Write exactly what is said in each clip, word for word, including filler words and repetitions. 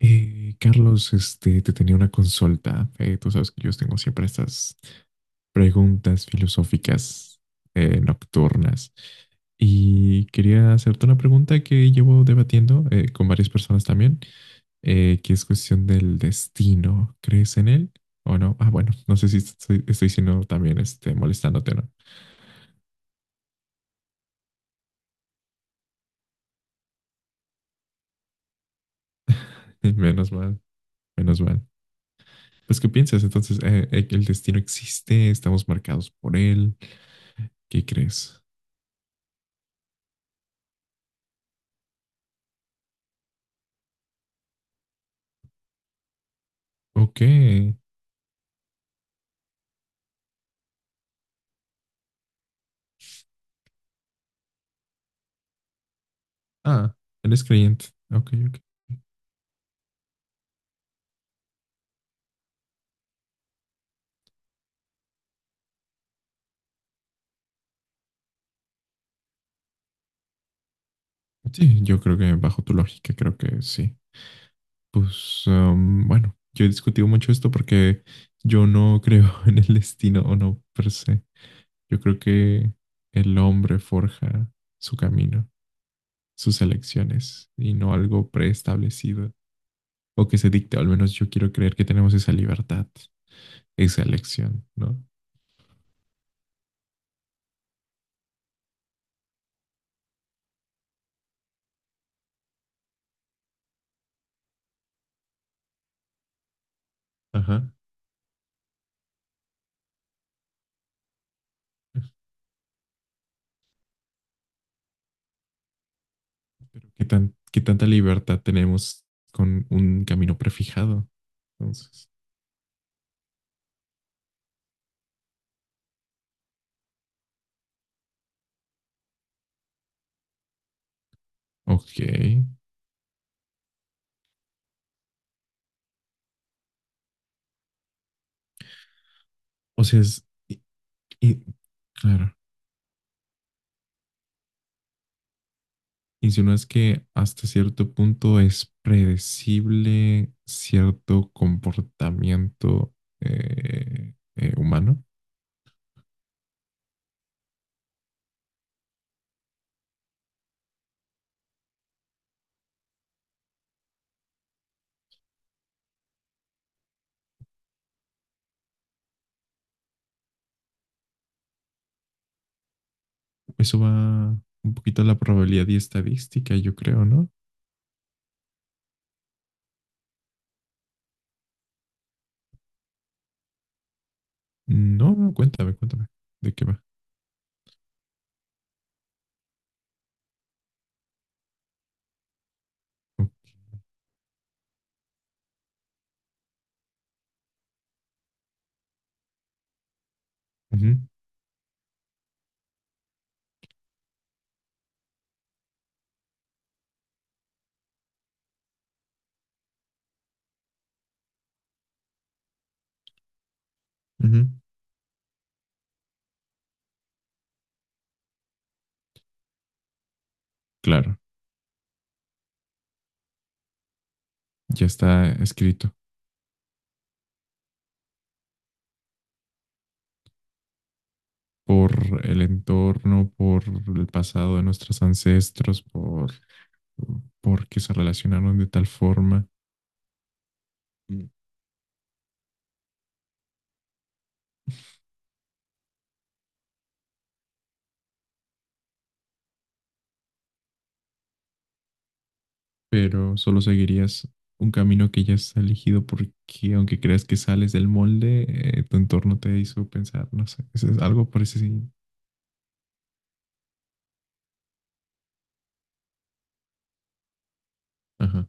Eh, Carlos, este, te tenía una consulta. Eh, tú sabes que yo tengo siempre estas preguntas filosóficas eh, nocturnas. Y quería hacerte una pregunta que llevo debatiendo eh, con varias personas también, eh, que es cuestión del destino. ¿Crees en él o no? Ah, bueno, no sé si estoy, estoy siendo también este, molestándote o no. Menos mal, menos mal. Pues, ¿qué piensas? Entonces, eh, eh, ¿el destino existe? ¿Estamos marcados por él? ¿Qué crees? Ok. Ah, eres creyente. Ok, ok. Sí, yo creo que bajo tu lógica, creo que sí. Pues em, bueno, yo he discutido mucho esto porque yo no creo en el destino o no per se. Yo creo que el hombre forja su camino, sus elecciones y no algo preestablecido o que se dicte. Al menos yo quiero creer que tenemos esa libertad, esa elección, ¿no? Ajá. Pero ¿qué tan, ¿qué tanta libertad tenemos con un camino prefijado? Entonces, ok. O sea, es, y- y- claro, insinúas que hasta cierto punto es predecible cierto comportamiento eh, eh, humano. Eso va un poquito a la probabilidad y estadística, yo creo, ¿no? No, no, cuéntame, cuéntame. ¿De qué va? Oh, ujú, ujú. Claro, ya está escrito. Por el entorno, por el pasado de nuestros ancestros, por, por que se relacionaron de tal forma, pero solo seguirías un camino que ya está elegido porque aunque creas que sales del molde, eh, tu entorno te hizo pensar, no sé, eso es algo por ese sí. Ajá,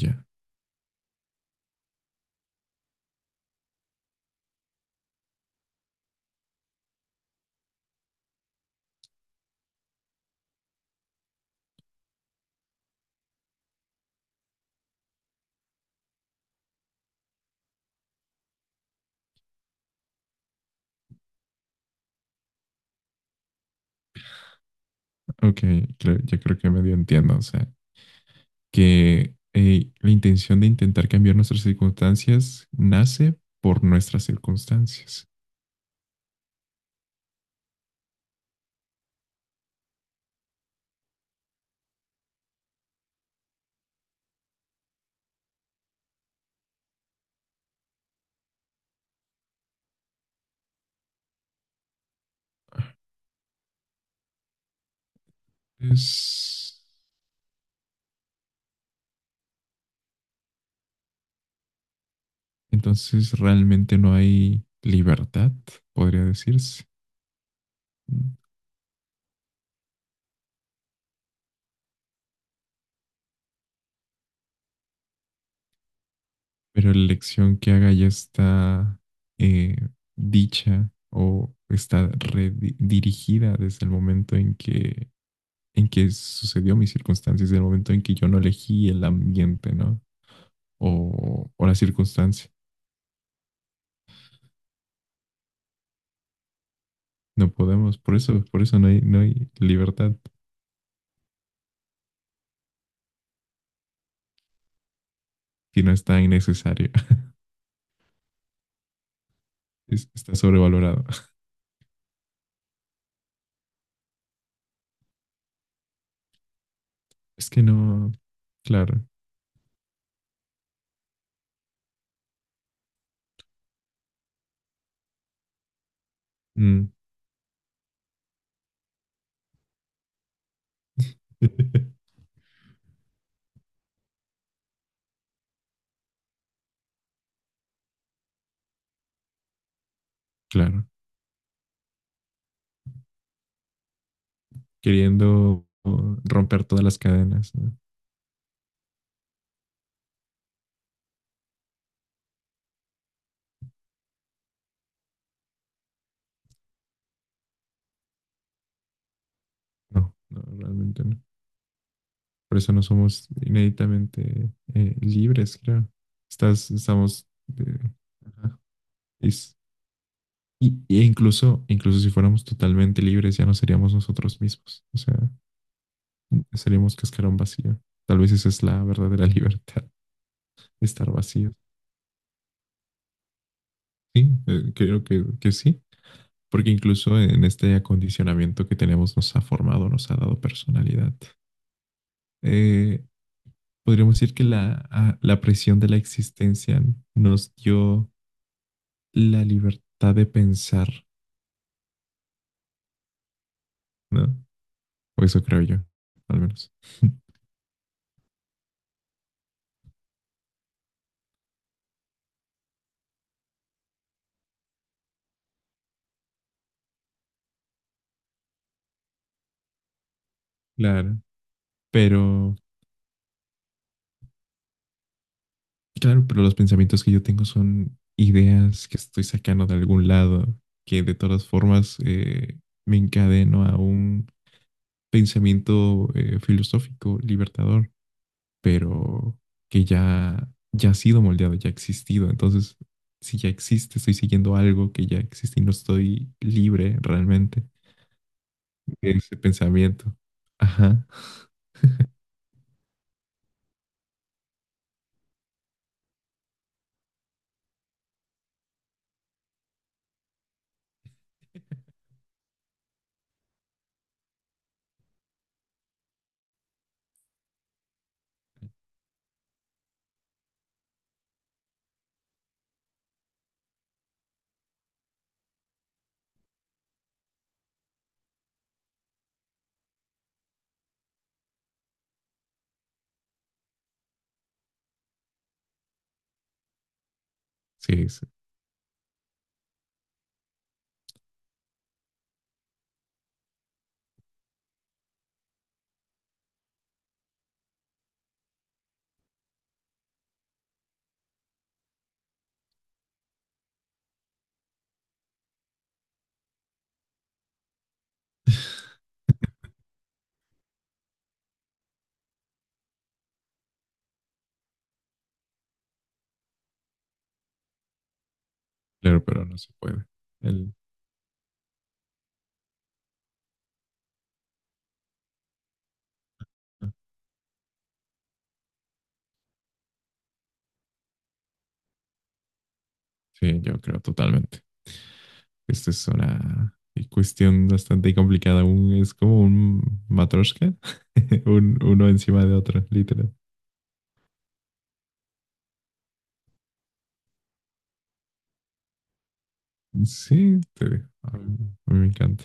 ya, ok, creo- ya creo que medio entiendo, o sea, que eh, la intención de intentar cambiar nuestras circunstancias nace por nuestras circunstancias. Es Entonces realmente no hay libertad, podría decirse, pero la elección que haga ya está eh, dicha o está redirigida desde el momento en que, en que sucedió mis circunstancias, desde el momento en que yo no elegí el ambiente, ¿no? O, o la circunstancia. No podemos, por eso, por eso no hay, no hay libertad, si no está innecesario, está sobrevalorado. Es que no, claro, mm. Claro. Queriendo uh, romper todas las cadenas. No, no, no realmente no. Por eso no somos inéditamente eh, libres, creo. Estás, estamos... eh, ajá, es- y, y incluso, incluso si fuéramos totalmente libres, ya no seríamos nosotros mismos. O sea, seríamos cascarón vacío. Tal vez esa es la verdadera libertad, estar vacío. Sí, eh, creo que, que sí. Porque incluso en este acondicionamiento que tenemos nos ha formado, nos ha dado personalidad. Eh, Podríamos decir que la, a- la presión de la existencia nos dio la libertad de pensar, ¿no? O eso creo yo, al menos. Claro. Pero, claro, pero los pensamientos que yo tengo son ideas que estoy sacando de algún lado, que de todas formas eh, me encadeno a un pensamiento eh, filosófico libertador. Pero que ya, ya ha sido moldeado, ya ha existido. Entonces, si ya existe, estoy siguiendo algo que ya existe y no estoy libre realmente de ese pensamiento. Ajá, sí, sí, claro, pero no se puede. El- sí, yo creo totalmente. Esta es una cuestión bastante complicada. Un- es como un matroshka, un, uno encima de otro, literal. Sí, te- a mí, a mí me encanta.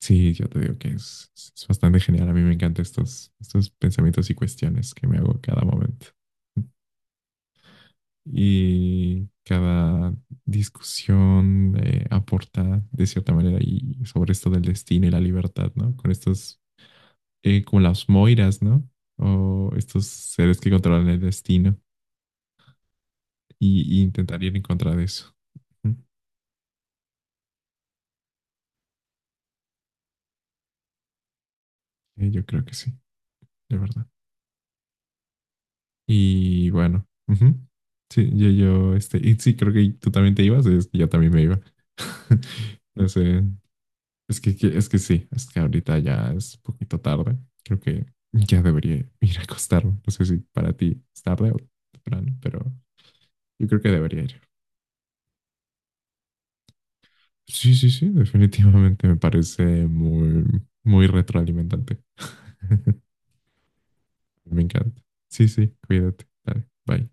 Sí, yo te digo que es, es bastante genial. A mí me encantan estos, estos pensamientos y cuestiones que me hago cada momento. Y cada discusión eh, aporta de cierta manera y sobre esto del destino y la libertad, ¿no? Con estos, eh, como las moiras, ¿no? O estos seres que controlan el destino y, y intentar ir en contra de eso. Ujú. Eh, yo creo que sí, de verdad. Y bueno, ujú. Sí, yo, yo, este, y sí, creo que tú también te ibas, es que yo también me iba. No sé, es que, que- es que sí, es que ahorita ya es poquito tarde. Creo que ya debería ir a acostarme. No sé si para ti es tarde o temprano, pero yo creo que debería ir. Sí, sí, sí, definitivamente me parece muy, muy retroalimentante. Me encanta. Sí, sí, cuídate. Dale, bye.